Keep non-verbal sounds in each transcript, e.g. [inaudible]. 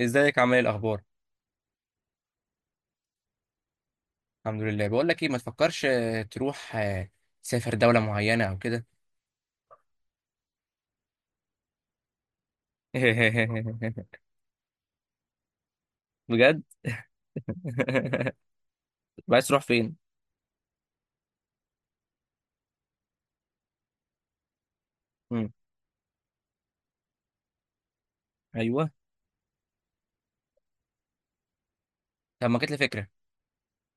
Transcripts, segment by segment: ازيك؟ عامل ايه؟ الاخبار؟ الحمد لله. بقول لك ايه، ما تفكرش تروح تسافر دولة معينة او كده. [laughs] بجد. [laughs] طب عايز تروح فين؟ مم. ايوه. طب ما جت لي فكرة.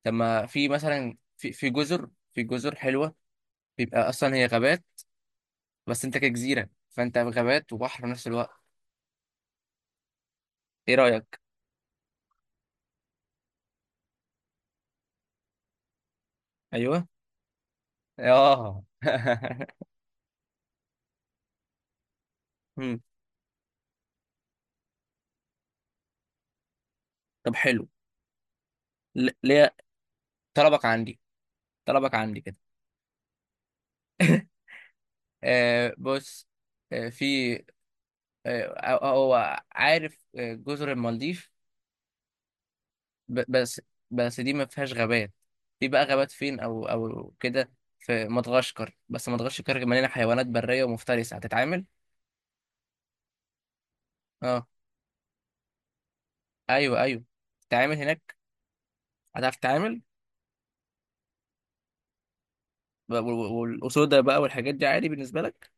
طب ما في مثلا في جزر حلوة. بيبقى اصلا هي غابات، بس انت كجزيرة فانت غابات وبحر في نفس الوقت. ايه رايك؟ ايوه، اه، [laughs] مم. طب حلو. ليه؟ طلبك عندي، طلبك عندي كده. [laughs] آه بص. آه، في، هو عارف، جزر المالديف. ب- بس بس دي ما فيهاش غابات. في بقى غابات فين او كده؟ في مدغشقر، بس مدغشقر مليانه حيوانات بريه ومفترسه، هتتعامل. اه، ايوه ايوه. تتعامل هناك، هتعرف تتعامل. والاسودة بقى والحاجات دي عادي بالنسبه لك؟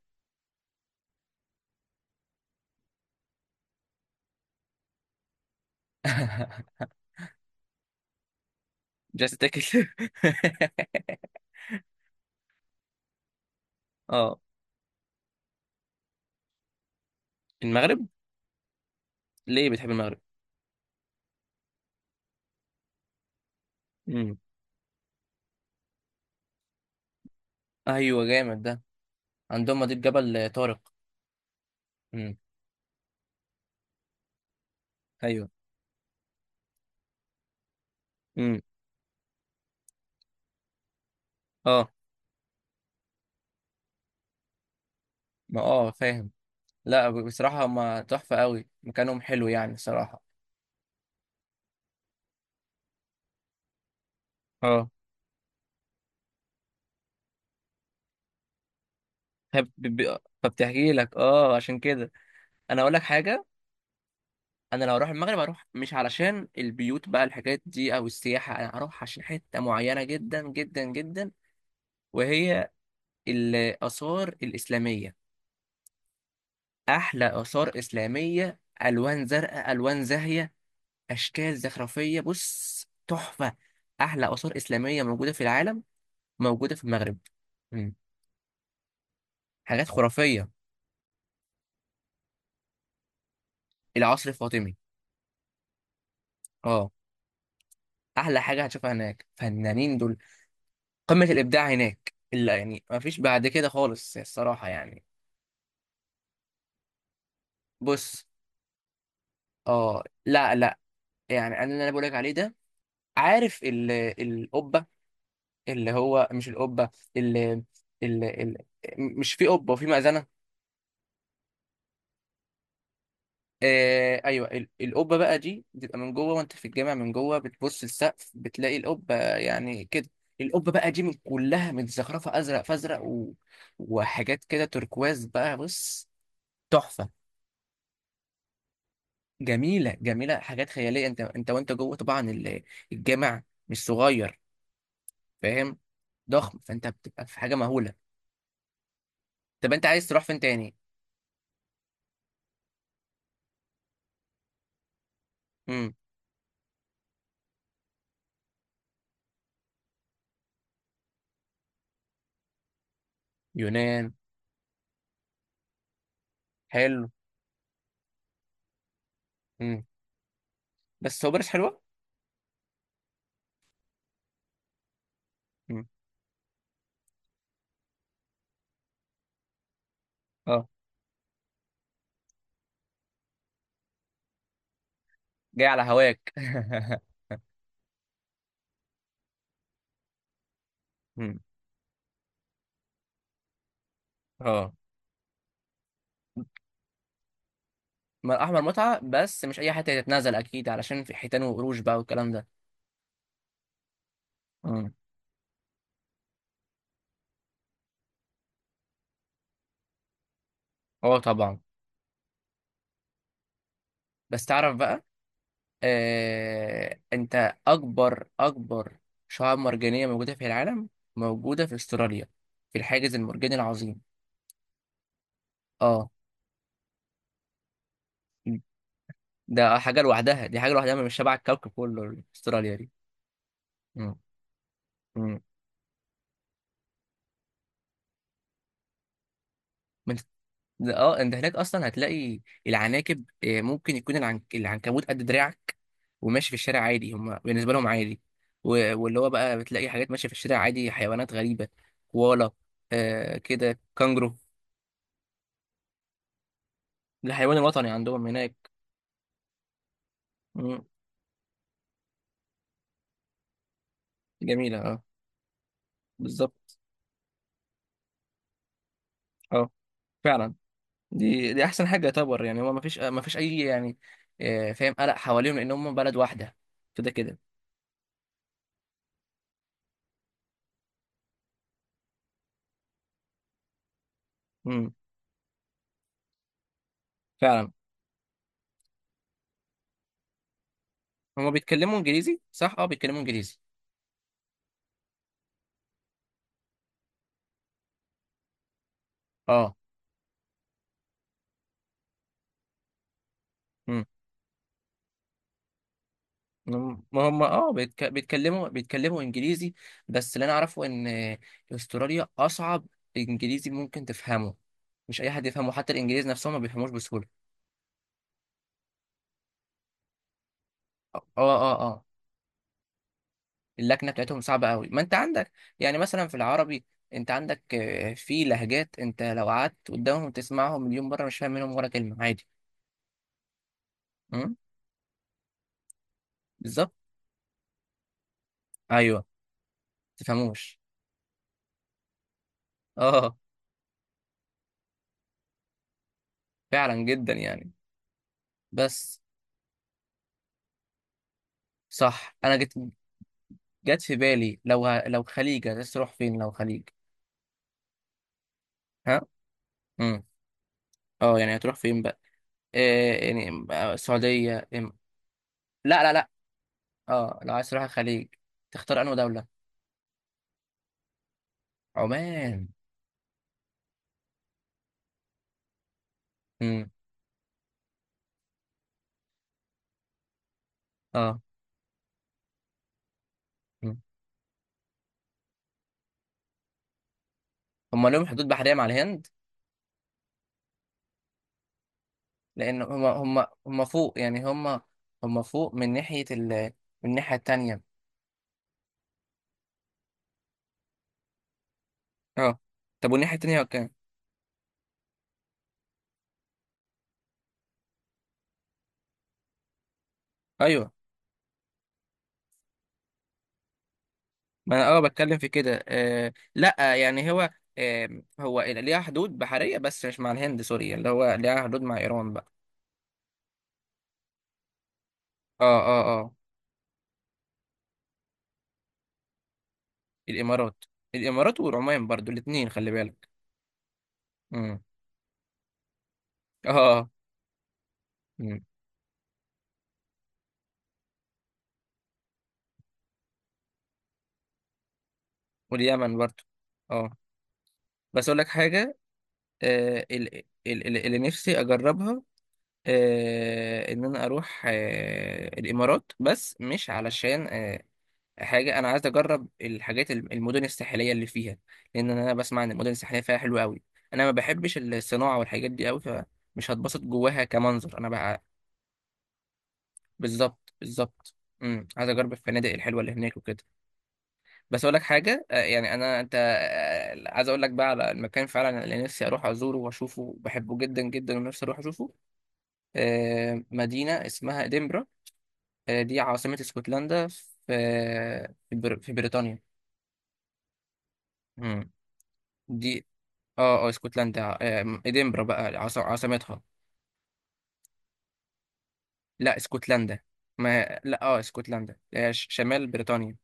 جاست تاكل. [laughs] اه. المغرب. ليه بتحب المغرب؟ امم، ايوه، جامد ده. عندهم مضيق جبل طارق. امم، ايوه، امم، اه. ما اه فاهم. لا، بصراحة هما تحفة قوي، مكانهم حلو يعني صراحة. اه، فب- ب- فبتحكي لك، اه، عشان كده. انا اقول لك حاجة. انا لو اروح المغرب اروح مش علشان البيوت بقى الحاجات دي او السياحة، انا هروح عشان حتة معينة جدا جدا جدا. وهي الآثار الإسلامية. احلى آثار إسلامية، الوان زرقاء، الوان زاهية. اشكال زخرفية، بص، تحفة. احلى آثار إسلامية موجودة في العالم موجودة في المغرب. مم. حاجات خرافية. العصر الفاطمي. اه. احلى حاجه هتشوفها هناك، فنانين دول. قمه الابداع هناك، الا يعني ما فيش بعد كده خالص الصراحه يعني. بص. اه، لا لا، يعني اللي انا بقولك عليه ده. عارف القبه، اللي هو مش القبه. ال ال ال مش في قبه وفي مأذنه؟ آه، ايوه. القبه بقى دي بتبقى من جوه، وانت في الجامع من جوه بتبص السقف بتلاقي القبه يعني كده. القبه بقى دي من كلها متزخرفه، ازرق فازرق وحاجات كده تturquoise بقى، بص. تحفه. جميله جميله، حاجات خياليه. انت وانت جوه طبعا الجامع، مش صغير. فاهم. ضخم، فانت بتبقى في حاجه مهوله. طب انت عايز تروح فين تاني؟ امم. يونان. حلو. امم. بس هو بلاش حلوه. امم، اه. جاي على هواك. [laughs] امم، اه. ما احمر متعه بس مش اي حته تتنازل، اكيد علشان في حيتان وقروش بقى والكلام ده. مم. اه، طبعا. بس تعرف بقى، انت اكبر شعاب مرجانيه موجوده في العالم موجوده في استراليا، في الحاجز المرجاني العظيم. اه. ده حاجه لوحدها، دي حاجه لوحدها، مش شبه الكوكب كله استراليا دي. مم. مم. ده، اه، انت هناك اصلا هتلاقي العناكب، ممكن يكون العنكبوت قد دراعك وماشي في الشارع عادي، هم بالنسبه لهم عادي. و... واللي هو بقى بتلاقي حاجات ماشيه في الشارع عادي، حيوانات غريبه. كوالا. آه كده، كانجرو. ده الحيوان الوطني عندهم هناك. مم. جميله، اه. بالظبط. اه، فعلا. دي احسن حاجه يعتبر، يعني هو ما فيش اي يعني فاهم، قلق حواليهم لان هم بلد واحده كده كده. مم. فعلا. هم بيتكلموا انجليزي، صح؟ اه، بيتكلموا انجليزي. اه، ما هم، اه، بيتكلموا انجليزي. بس اللي انا اعرفه ان استراليا اصعب انجليزي ممكن تفهمه. مش اي حد يفهمه، حتى الانجليز نفسهم ما بيفهموش بسهوله. اه، اه، اه، آه. اللكنه بتاعتهم صعبه قوي. ما انت عندك، يعني مثلا في العربي، انت عندك، في لهجات، انت لو قعدت قدامهم تسمعهم مليون مره مش فاهم منهم ولا كلمه عادي. امم. بالظبط. ايوه. تفهموش. اه، فعلا، جدا يعني. بس، صح، انا جيت جت في بالي، لو لو خليج عايز تروح فين؟ لو خليج؟ ها. امم. اه، يعني هتروح فين بقى؟ إيه يعني، السعودية، لا لا لا. اه، لو عايز تروح الخليج تختار انهي دولة؟ عمان. امم، اه. مم. هم لهم حدود بحرية مع الهند؟ لان هم فوق، يعني هم فوق من ناحية من الناحية التانية. اه، طب والناحية التانية كام؟ ايوه، ما انا اه بتكلم في كده، آه، لا يعني هو، آه، هو ليها حدود بحرية بس مش مع الهند، سوريا اللي هو ليها حدود مع ايران بقى. اه، اه، اه. الامارات. الامارات والعمان برضو الاتنين خلي بالك. امم، اه، امم. واليمن برضو. اه. بس اقول لك حاجة، اللي نفسي اجربها، ان انا اروح الامارات، بس مش علشان حاجه، انا عايز اجرب الحاجات، المدن الساحليه اللي فيها، لان انا بسمع ان المدن الساحليه فيها حلوه قوي. انا ما بحبش الصناعه والحاجات دي قوي، فمش هتبسط جواها كمنظر انا بقى. بالظبط، بالظبط. امم، عايز اجرب الفنادق الحلوه اللي هناك وكده. بس اقول لك حاجه، يعني انا، انت، عايز اقول لك بقى على المكان فعلا اللي نفسي اروح ازوره واشوفه، بحبه جدا جدا ونفسي اروح اشوفه. مدينه اسمها ادنبرا. دي عاصمه اسكتلندا، في في بريطانيا. مم. دي، اه اسكتلندا، ادنبرا بقى عاصمتها. لا، اسكتلندا. ما لا، اه، اسكتلندا هي شمال بريطانيا.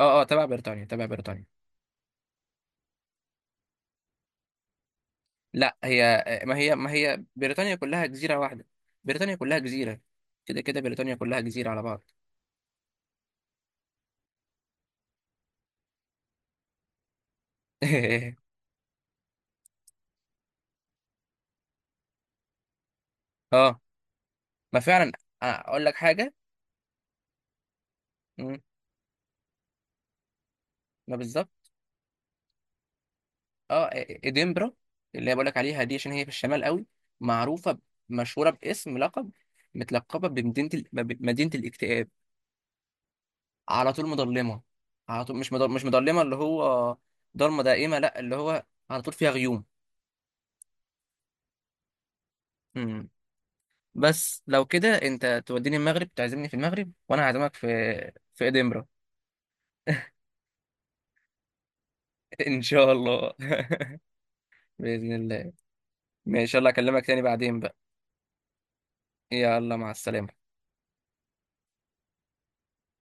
اه اه، تبع بريطانيا، تبع بريطانيا. لا، هي، ما هي بريطانيا كلها جزيرة واحدة. بريطانيا كلها جزيرة. كده كده، بريطانيا كلها جزيرة على بعض. [laughs] اه، ما فعلا. اقول لك حاجة. مم. ما بالظبط. اه، ادنبرا اللي بقول لك عليها دي عشان هي في الشمال قوي، معروفة، مشهورة باسم لقب، متلقبة بمدينة مدينة الاكتئاب. على طول مضلمه، على طول مش مش مضلمه، اللي هو ضلمه دائمه، لا، اللي هو على طول فيها غيوم. مم. بس لو كده انت توديني المغرب تعزمني في المغرب، وانا هعزمك في، في ادنبرا. [laughs] ان شاء الله. [laughs] باذن الله. ماشي، يلا اكلمك تاني بعدين بقى. يلا، مع السلامه.